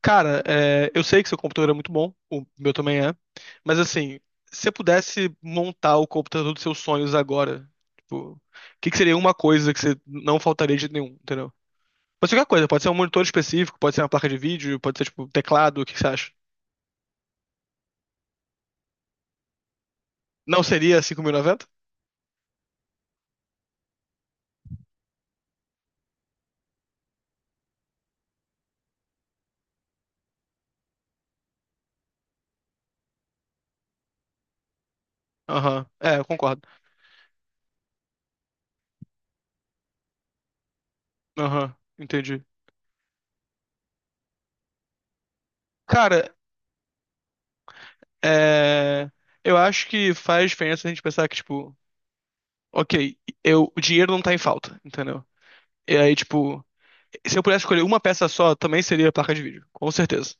Cara, eu sei que seu computador é muito bom, o meu também é, mas assim, se você pudesse montar o computador dos seus sonhos agora, tipo, o que que seria uma coisa que você não faltaria de jeito nenhum, entendeu? Pode ser qualquer coisa, pode ser um monitor específico, pode ser uma placa de vídeo, pode ser tipo teclado, o que que você acha? Não seria 5090? Aham, é, eu concordo. Aham, entendi. Cara, é, eu acho que faz diferença a gente pensar que, tipo, ok, eu, o dinheiro não tá em falta, entendeu? E aí, tipo, se eu pudesse escolher uma peça só, também seria a placa de vídeo, com certeza.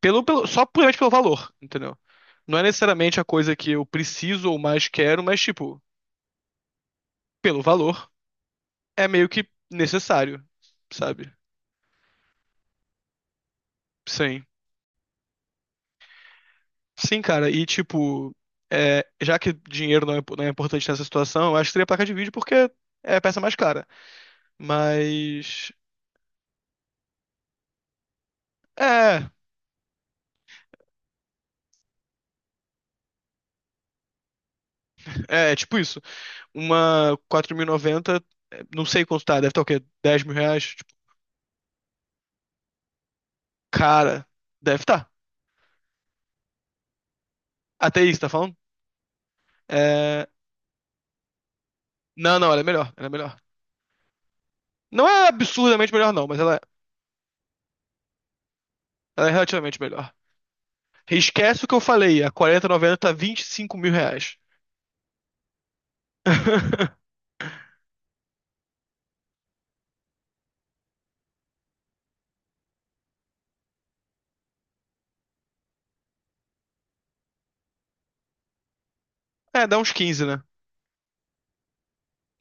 Só puramente pelo valor, entendeu? Não é necessariamente a coisa que eu preciso ou mais quero, mas, tipo, pelo valor, é meio que necessário, sabe? Sim. Sim, cara, e, tipo, já que dinheiro não é importante nessa situação, eu acho que seria a placa de vídeo porque é a peça mais cara. Mas. É, é tipo isso. Uma 4090, não sei quanto tá, deve estar o quê? 10 mil reais? Tipo, cara, deve estar. Até isso, tá falando? É... Não, não, ela é melhor, ela é melhor. Não é absurdamente melhor, não, mas ela é relativamente melhor. Esquece o que eu falei, a 4090 tá 25 mil reais. É, dá uns 15, né?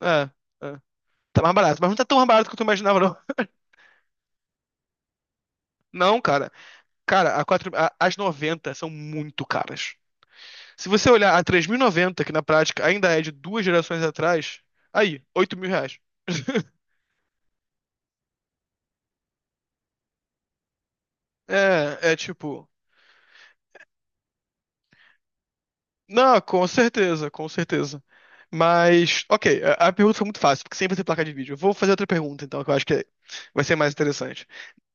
É, é. Tá mais barato, mas não tá tão mais barato quanto eu imaginava, não. Não, cara. Cara, a 4, as 90 são muito caras. Se você olhar a 3090, que na prática ainda é de duas gerações atrás, aí, 8 mil reais. É. Não, com certeza, com certeza. Mas, ok, a pergunta foi muito fácil, porque sempre tem placa de vídeo. Eu vou fazer outra pergunta, então, que eu acho que vai ser mais interessante.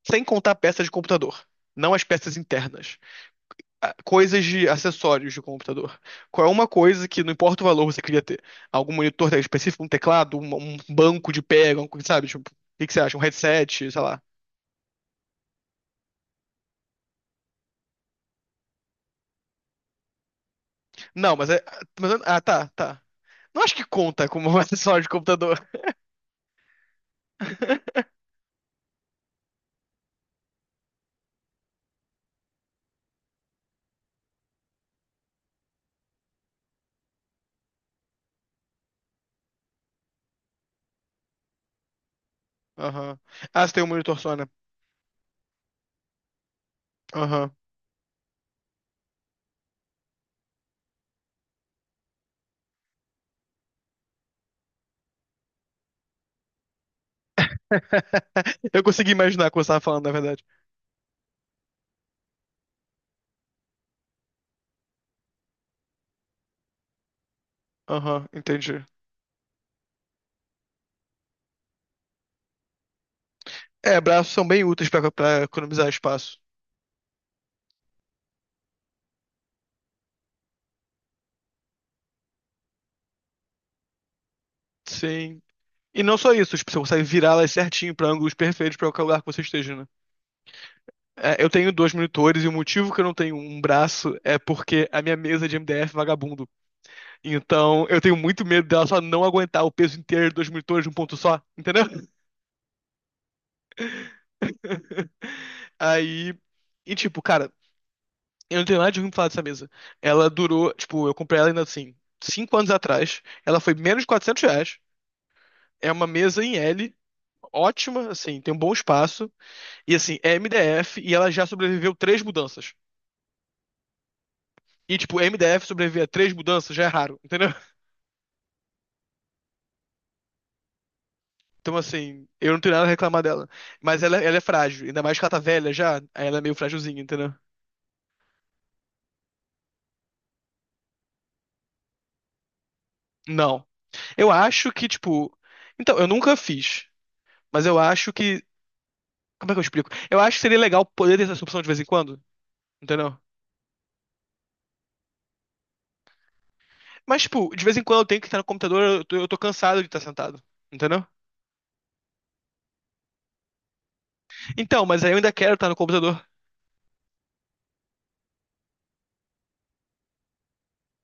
Sem contar peças de computador, não as peças internas, coisas de acessórios de computador. Qual é uma coisa que, não importa o valor, você queria ter? Algum monitor tá específico, um teclado, um banco de pega, um, sabe? Tipo, o que que você acha? Um headset, sei lá. Não, mas é. Ah, tá, tá. Não acho que conta como um acessório de computador. Aham. Ah, você tem um monitor só, né? Aham. Eu consegui imaginar o que você estava falando, na verdade. Aham, entendi. É, braços são bem úteis pra economizar espaço. Sim. E não só isso, tipo, você consegue virá-las certinho pra ângulos perfeitos pra qualquer lugar que você esteja, né? É, eu tenho dois monitores e o motivo que eu não tenho um braço é porque a minha mesa de MDF é vagabundo. Então, eu tenho muito medo dela só não aguentar o peso inteiro de dois monitores de um ponto só, entendeu? Aí, e tipo, cara, eu não tenho nada de ruim pra falar dessa mesa. Ela durou, tipo, eu comprei ela ainda assim, 5 anos atrás. Ela foi menos de R$ 400. É uma mesa em L, ótima, assim, tem um bom espaço. E assim, é MDF e ela já sobreviveu três mudanças. E, tipo, MDF sobreviver a três mudanças já é raro, entendeu? Então, assim, eu não tenho nada a reclamar dela. Mas ela é frágil, ainda mais que ela tá velha já, aí ela é meio frágilzinha, entendeu? Não. Eu acho que, tipo. Então, eu nunca fiz, mas eu acho que. Como é que eu explico? Eu acho que seria legal poder ter essa opção de vez em quando. Entendeu? Mas, tipo, de vez em quando eu tenho que estar no computador, eu tô cansado de estar sentado. Entendeu? Então, mas aí eu ainda quero estar no computador.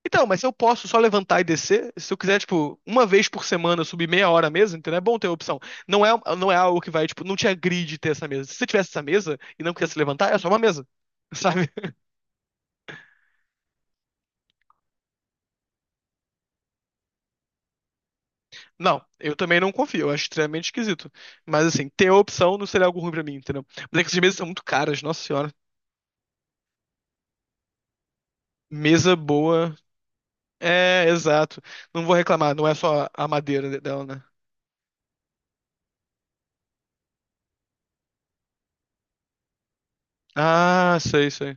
Então, mas se eu posso só levantar e descer? Se eu quiser, tipo, uma vez por semana subir meia hora a mesa, entendeu? É bom ter a opção. Não é, não é algo que vai, tipo, não te agride ter essa mesa. Se você tivesse essa mesa e não quisesse levantar, é só uma mesa. Sabe? Não, eu também não confio, eu acho extremamente esquisito. Mas assim, ter a opção não seria algo ruim pra mim, entendeu? Mas é que essas mesas são muito caras, nossa senhora. Mesa boa. É, exato. Não vou reclamar, não é só a madeira dela, né? Ah, sei, sei.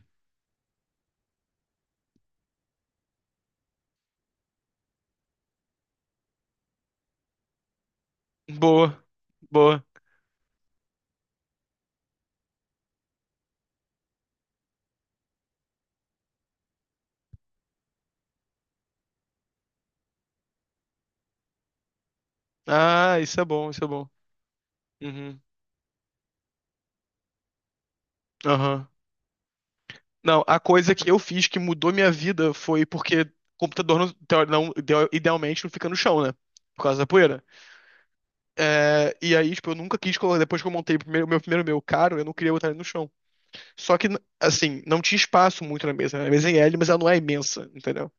Boa, boa. Ah, isso é bom, isso é bom. Uhum, aham. Não, a coisa que eu fiz que mudou minha vida foi porque computador idealmente não fica no chão, né? Por causa da poeira. É, e aí, tipo, eu nunca quis colocar. Depois que eu montei meu primeiro meu caro, eu não queria botar ele no chão. Só que, assim, não tinha espaço muito na mesa, né? A mesa é em L, mas ela não é imensa, entendeu?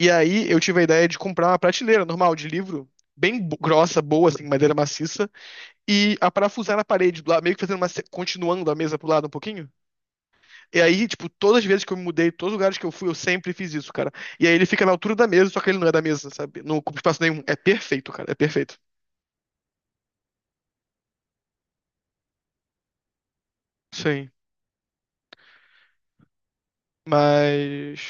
E aí eu tive a ideia de comprar uma prateleira normal de livro, grossa, boa, assim, madeira maciça, e a parafusar na parede do lado, meio que fazendo uma, continuando a mesa pro lado um pouquinho. E aí, tipo, todas as vezes que eu me mudei, todos os lugares que eu fui, eu sempre fiz isso, cara. E aí ele fica na altura da mesa, só que ele não é da mesa, sabe? Não ocupa espaço nenhum. É perfeito, cara, é perfeito. Sim. Mas.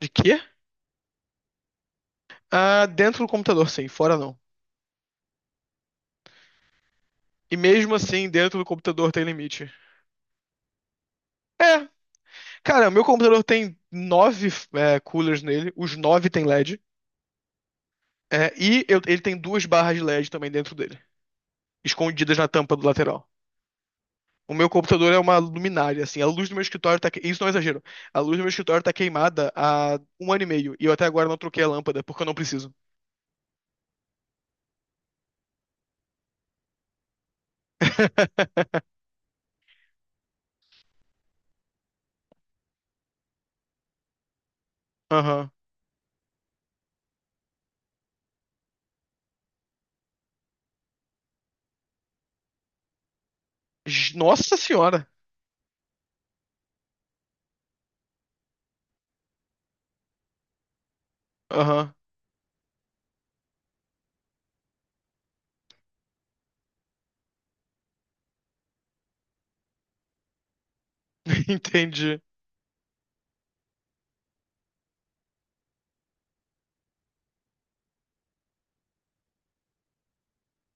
De quê? Ah, dentro do computador, sim, fora não. E mesmo assim, dentro do computador tem limite. É, cara, o meu computador tem nove coolers nele, os nove tem LED. E eu- ele tem duas barras de LED também dentro dele, escondidas na tampa do lateral. O meu computador é uma luminária, assim, a luz do meu escritório tá... isso não é exagero. A luz do meu escritório tá queimada há um ano e meio, e eu até agora não troquei a lâmpada, porque eu não preciso. Aham. Nossa senhora! Aham. Entendi.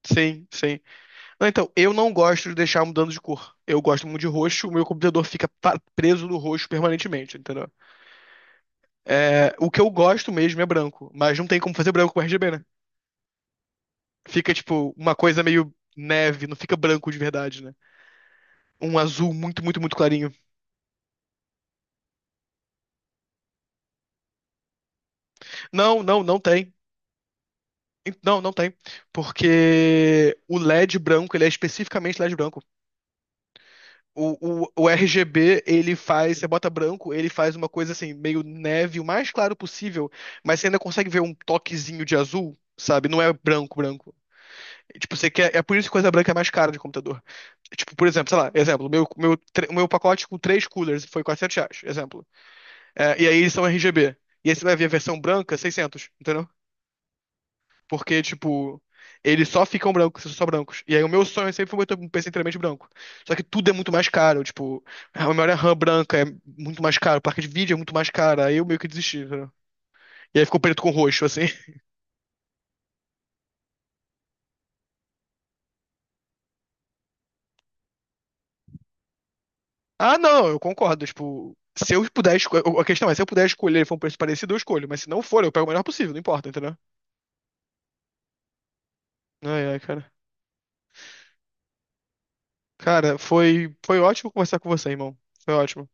Sim, sim. Não, então, eu não gosto de deixar mudando de cor. Eu gosto muito de roxo, o meu computador fica preso no roxo permanentemente, entendeu? É, o que eu gosto mesmo é branco, mas não tem como fazer branco com RGB, né? Fica, tipo, uma coisa meio neve, não fica branco de verdade, né? Um azul muito, muito, muito clarinho. Não, não, não tem. Não, não tem. Porque o LED branco, ele é especificamente LED branco. O RGB, ele faz, você bota branco, ele faz uma coisa assim, meio neve, o mais claro possível, mas você ainda consegue ver um toquezinho de azul, sabe? Não é branco, branco. Tipo, você quer. É por isso que coisa branca é mais cara de computador. Tipo, por exemplo, sei lá, exemplo, o meu pacote com três coolers foi 400 reais, exemplo. É, e aí eles são RGB. E aí você vai ver a versão branca, 600, entendeu? Porque, tipo, eles só ficam brancos, são só brancos. E aí o meu sonho sempre foi ter um PC inteiramente branco. Só que tudo é muito mais caro, tipo, a memória RAM branca é muito mais caro, placa de vídeo é muito mais cara. Aí eu meio que desisti, entendeu? E aí ficou preto com roxo, assim. Ah, não, eu concordo. Tipo, se eu puder escolher. A questão é, se eu puder escolher e for um preço parecido, eu escolho. Mas se não for, eu pego o melhor possível, não importa, entendeu? Ai, ai, cara. Cara, foi ótimo conversar com você, irmão. Foi ótimo.